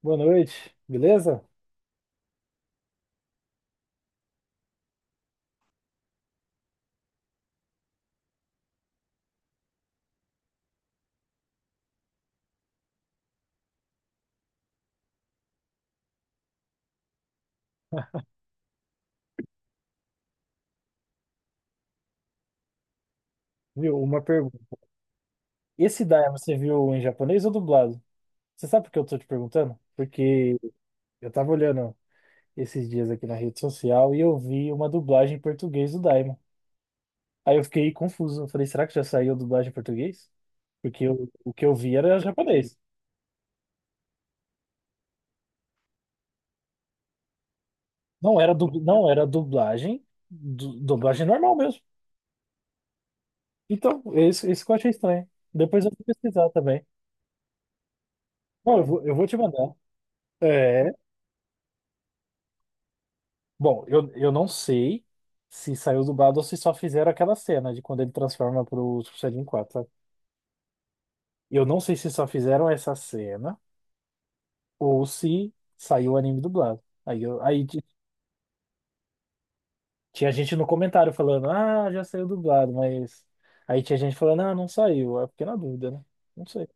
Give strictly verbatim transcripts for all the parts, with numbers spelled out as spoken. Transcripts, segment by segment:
Boa noite, beleza? Viu, uma pergunta. Esse Daia você viu em japonês ou dublado? Você sabe por que eu tô te perguntando? Porque eu tava olhando esses dias aqui na rede social e eu vi uma dublagem em português do Daima. Aí eu fiquei confuso. Eu falei, será que já saiu a dublagem em português? Porque eu- o que eu vi era japonês. Não era, dub, não era dublagem, du- dublagem normal mesmo. Então, isso, isso que eu achei estranho. Depois eu vou pesquisar também. Não, eu vou, eu vou te mandar. É, bom, eu, eu não sei se saiu dublado ou se só fizeram aquela cena de quando ele transforma pro Super Saiyajin quatro, sabe? Eu não sei se só fizeram essa cena ou se saiu o anime dublado. Aí, eu, aí ti- tinha gente no comentário falando, ah, já saiu dublado, mas. Aí tinha gente falando, ah, não saiu. É porque na dúvida, né? Não sei.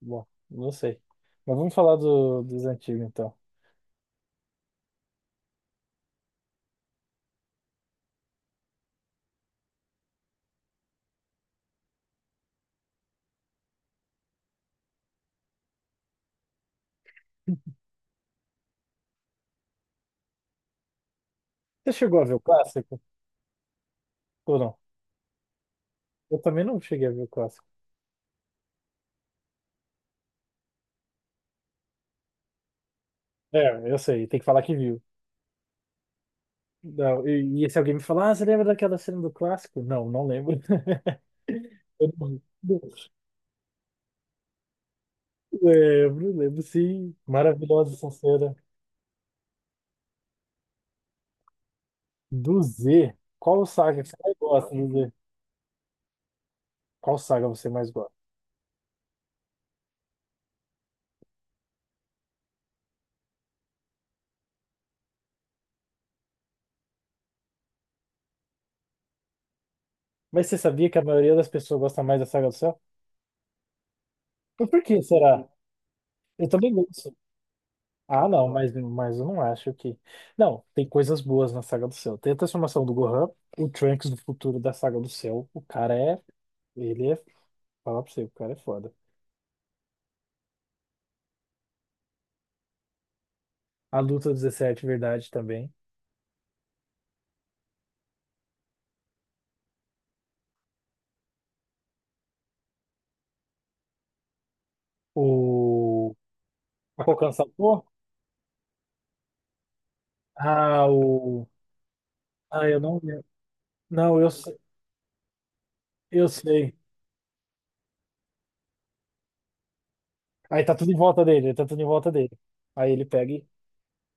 Bom, não sei. Mas vamos falar do, dos antigos então. Você chegou a ver o clássico? Ou não? Eu também não cheguei a ver o clássico. É, eu sei, tem que falar que viu. Não, e, e se alguém me falar, ah, você lembra daquela cena do clássico? Não, não lembro. Eu não- não- Lembro, lembro sim. Maravilhosa essa cena. Do Z, qual saga que você mais gosta do Z? Qual saga você mais gosta? Mas você sabia que a maioria das pessoas gosta mais da Saga do Céu? Mas por que será? Eu também gosto. Ah, não, mas, mas eu não acho que. Não, tem coisas boas na Saga do Céu. Tem a transformação do Gohan, o Trunks do futuro da Saga do Céu. O cara é. Ele é. Falar pra você, o cara é foda. A luta dezessete, verdade, também. O... A Kokan Sapor? Ah, o... Ah, eu não lembro. Não, eu, se- eu sei. Aí tá tudo em volta dele, tá tudo em volta dele. Aí ele pega e,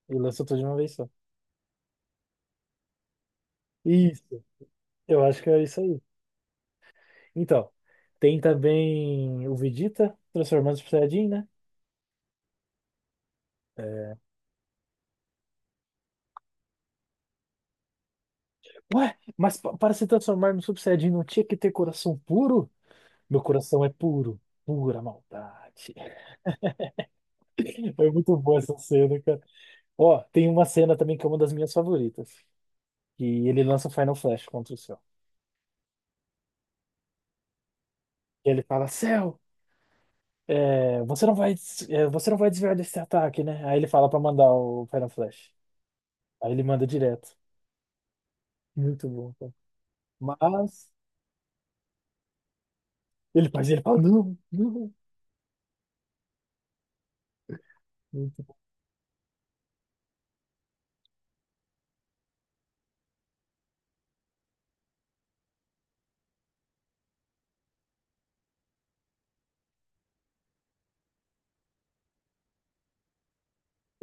e lança tudo de uma vez só. Isso, eu acho que é isso aí. Então, tem também o Vegeta transformando o Super Saiyajin, né? É, ué, mas pa- para se transformar no Super Saiyajin não tinha que ter coração puro? Meu coração é puro, pura maldade. Foi muito boa essa cena, cara. Ó, tem uma cena também que é uma das minhas favoritas. E ele lança o Final Flash contra o Cell. E ele fala, Cell, é, você não vai, des- é, você não vai desviar desse ataque, né? Aí ele fala pra mandar o Final Flash. Aí ele manda direto. Muito bom, cara. Mas ele faz, ele fala, não, não. Muito bom.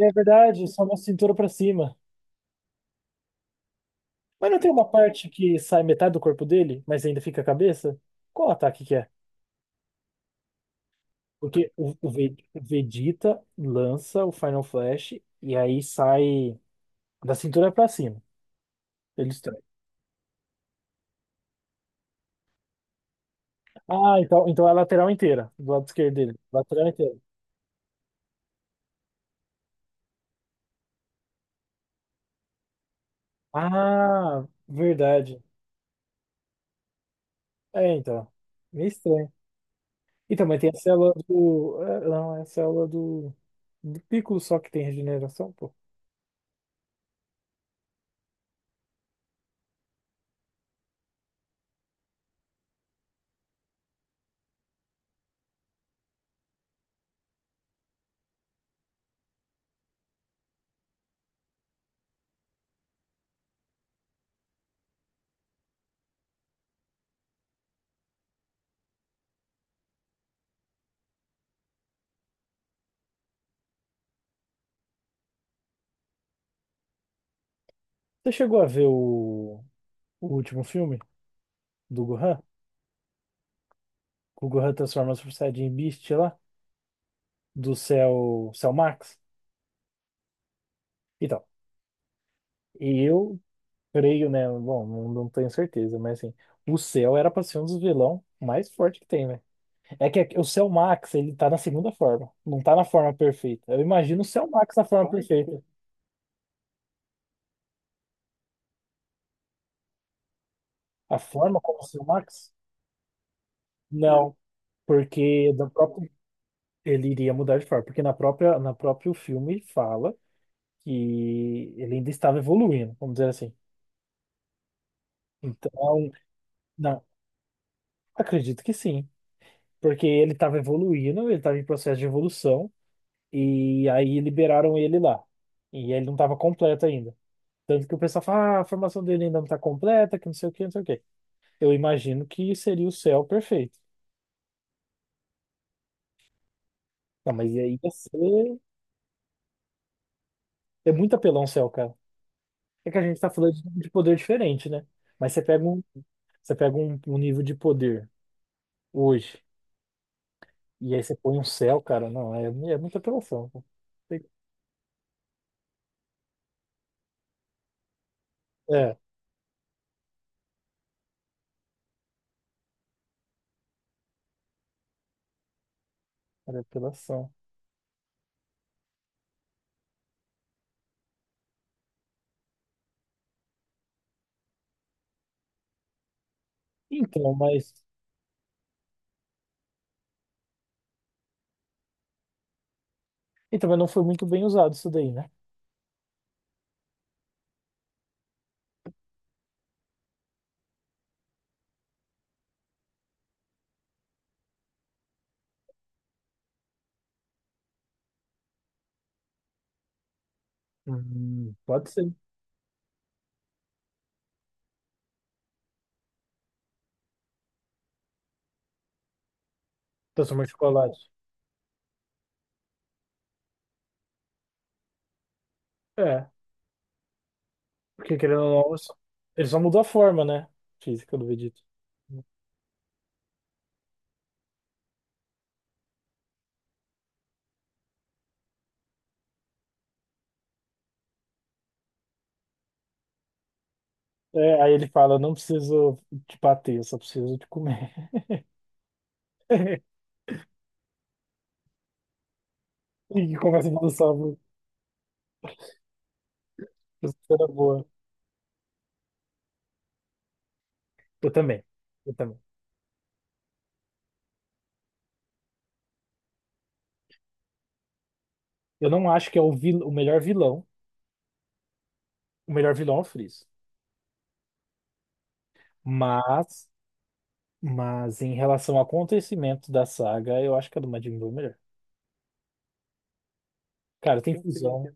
É verdade, só uma cintura pra cima. Mas não tem uma parte que sai metade do corpo dele, mas ainda fica a cabeça? Qual ataque que é? Porque o, o Ve- o Vegeta lança o Final Flash e aí sai. Da cintura pra cima. Ele estra- ah, então, então é a lateral inteira, do lado esquerdo dele. Lateral inteira. Ah, verdade. É, então. Meio estranho. Então, mas tem a célula do. É, não, é a célula do. Do Piccolo só que tem regeneração, pô. Você chegou a ver o, o último filme do Gohan? Que o Gohan transforma o Super Saiyajin Beast lá? Do Cell, Cell Max? Então, eu creio, né? Bom, não, não tenho certeza, mas assim. O Cell era pra ser um dos vilão mais forte que tem, né? É que o Cell Max, ele tá na segunda forma. Não tá na forma perfeita. Eu imagino o Cell Max na forma perfeita. A forma como o Cell Max? Não, porque da própria, ele iria mudar de forma. Porque na própria, na próprio filme fala que ele ainda estava evoluindo, vamos dizer assim. Então, não, acredito que sim. Porque ele estava evoluindo, ele estava em processo de evolução. E aí liberaram ele lá. E ele não estava completo ainda. Tanto que o pessoal fala, ah, a formação dele ainda não está completa, que não sei o que, não sei o que. Eu imagino que seria o céu perfeito. Não, mas aí ia ser. É muito apelão o céu, cara. É que a gente tá falando de de poder diferente, né? Mas você pega um, você pega um, um nível de poder hoje, e aí você põe um céu, cara. Não, é, é muita apelação, pô. Tem- é, era apelação. Então, mas. Então, mas não foi muito bem usado isso daí, né? Hum, pode ser. Transformar em chocolate. É, porque querendo ou não, ele só ele só mudou a forma, né? Física do Vegeta. É, aí ele fala, não preciso te bater, eu só preciso te comer. E começa a balançar uma cena boa. Eu também, eu também. Eu não acho que é o, vil, o melhor vilão. O melhor vilão é o Freeza. Mas, mas em relação ao acontecimento da saga, eu acho que a do Majin Buu é melhor. Cara, tem fusão.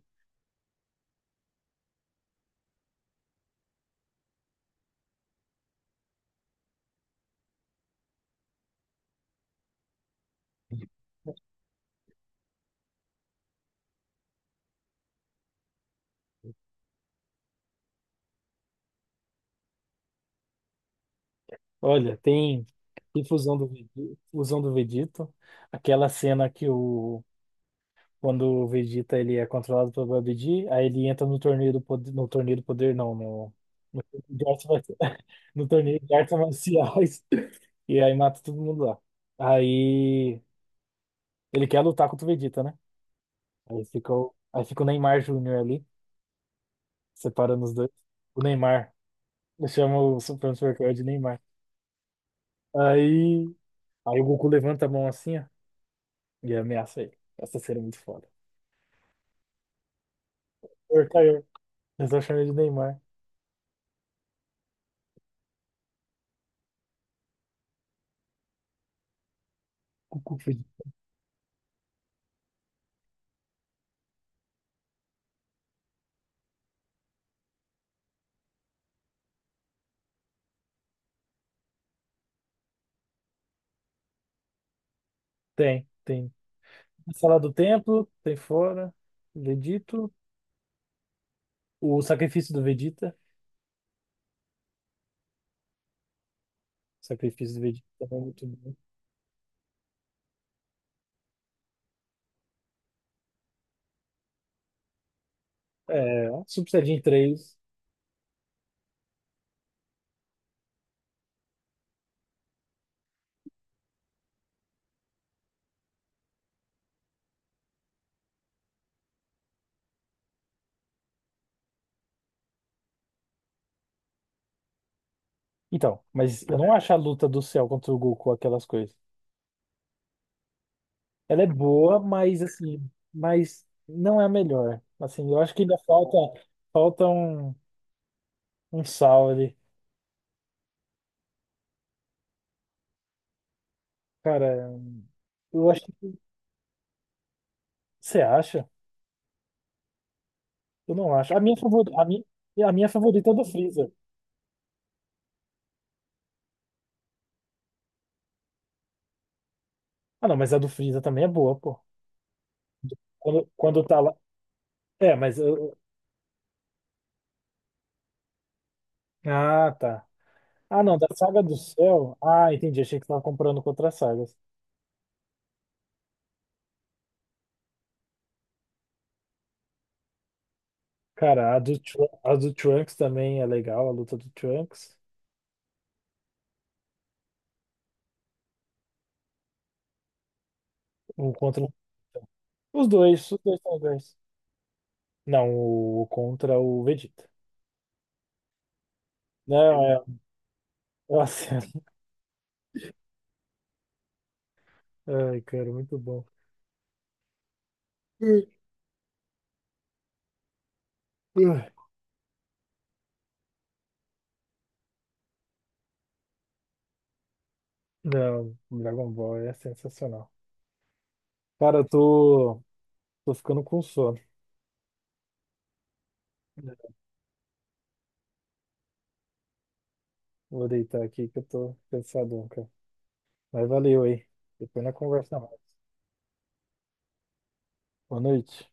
Olha, tem, tem fusão do, Vegeta- fusão do Vegeta. Aquela cena que o, quando o Vegeta ele é controlado pelo Babidi, aí ele entra no torneio do poder, no torneio do poder não, no, no, torneio de artes marciais- No torneio de artes marciais e aí mata todo mundo lá. Aí ele quer lutar contra o Vegeta, né? Aí fica o, aí fica o Neymar Júnior ali, separando os dois. O Neymar, ele chama o Supremo Supercard de Neymar. Aí, aí o Goku levanta a mão assim, ó, e ameaça ele. Essa cena é muito foda. Porcaria, eu só chamei de Neymar. Goku, filho. Tem, tem. A Sala do Templo, tem fora, Vegito, o Sacrifício do Vegeta, o Sacrifício do Vegeta também é muito bom. É, Super Saiyajin três. Então, mas eu não acho a luta do céu contra o Goku aquelas coisas. Ela é boa, mas assim, mas não é a melhor. Assim, eu acho que ainda falta falta um um sal ali. Cara, eu acho que você acha? Eu não acho. A minha favorita, a minha, a minha favorita é a do Freeza. Ah, não, mas a do Freeza também é boa, pô. Quando, quando tá lá. É, mas eu... Ah, tá. Ah, não, da Saga do Céu. Ah, entendi. Achei que você tava comprando com outras sagas. Cara, a do, Tru- a do Trunks também é legal, a luta do Trunks. O contra. Os dois, os dois são legais. Não, o contra o Vegeta. Não, é. Nossa. Ai, cara, muito bom. Não, Dragon Ball é sensacional. Cara, eu tô, tô ficando com sono. Vou deitar aqui que eu tô cansadão, cara. Mas valeu aí. Depois na conversa mais. Boa noite.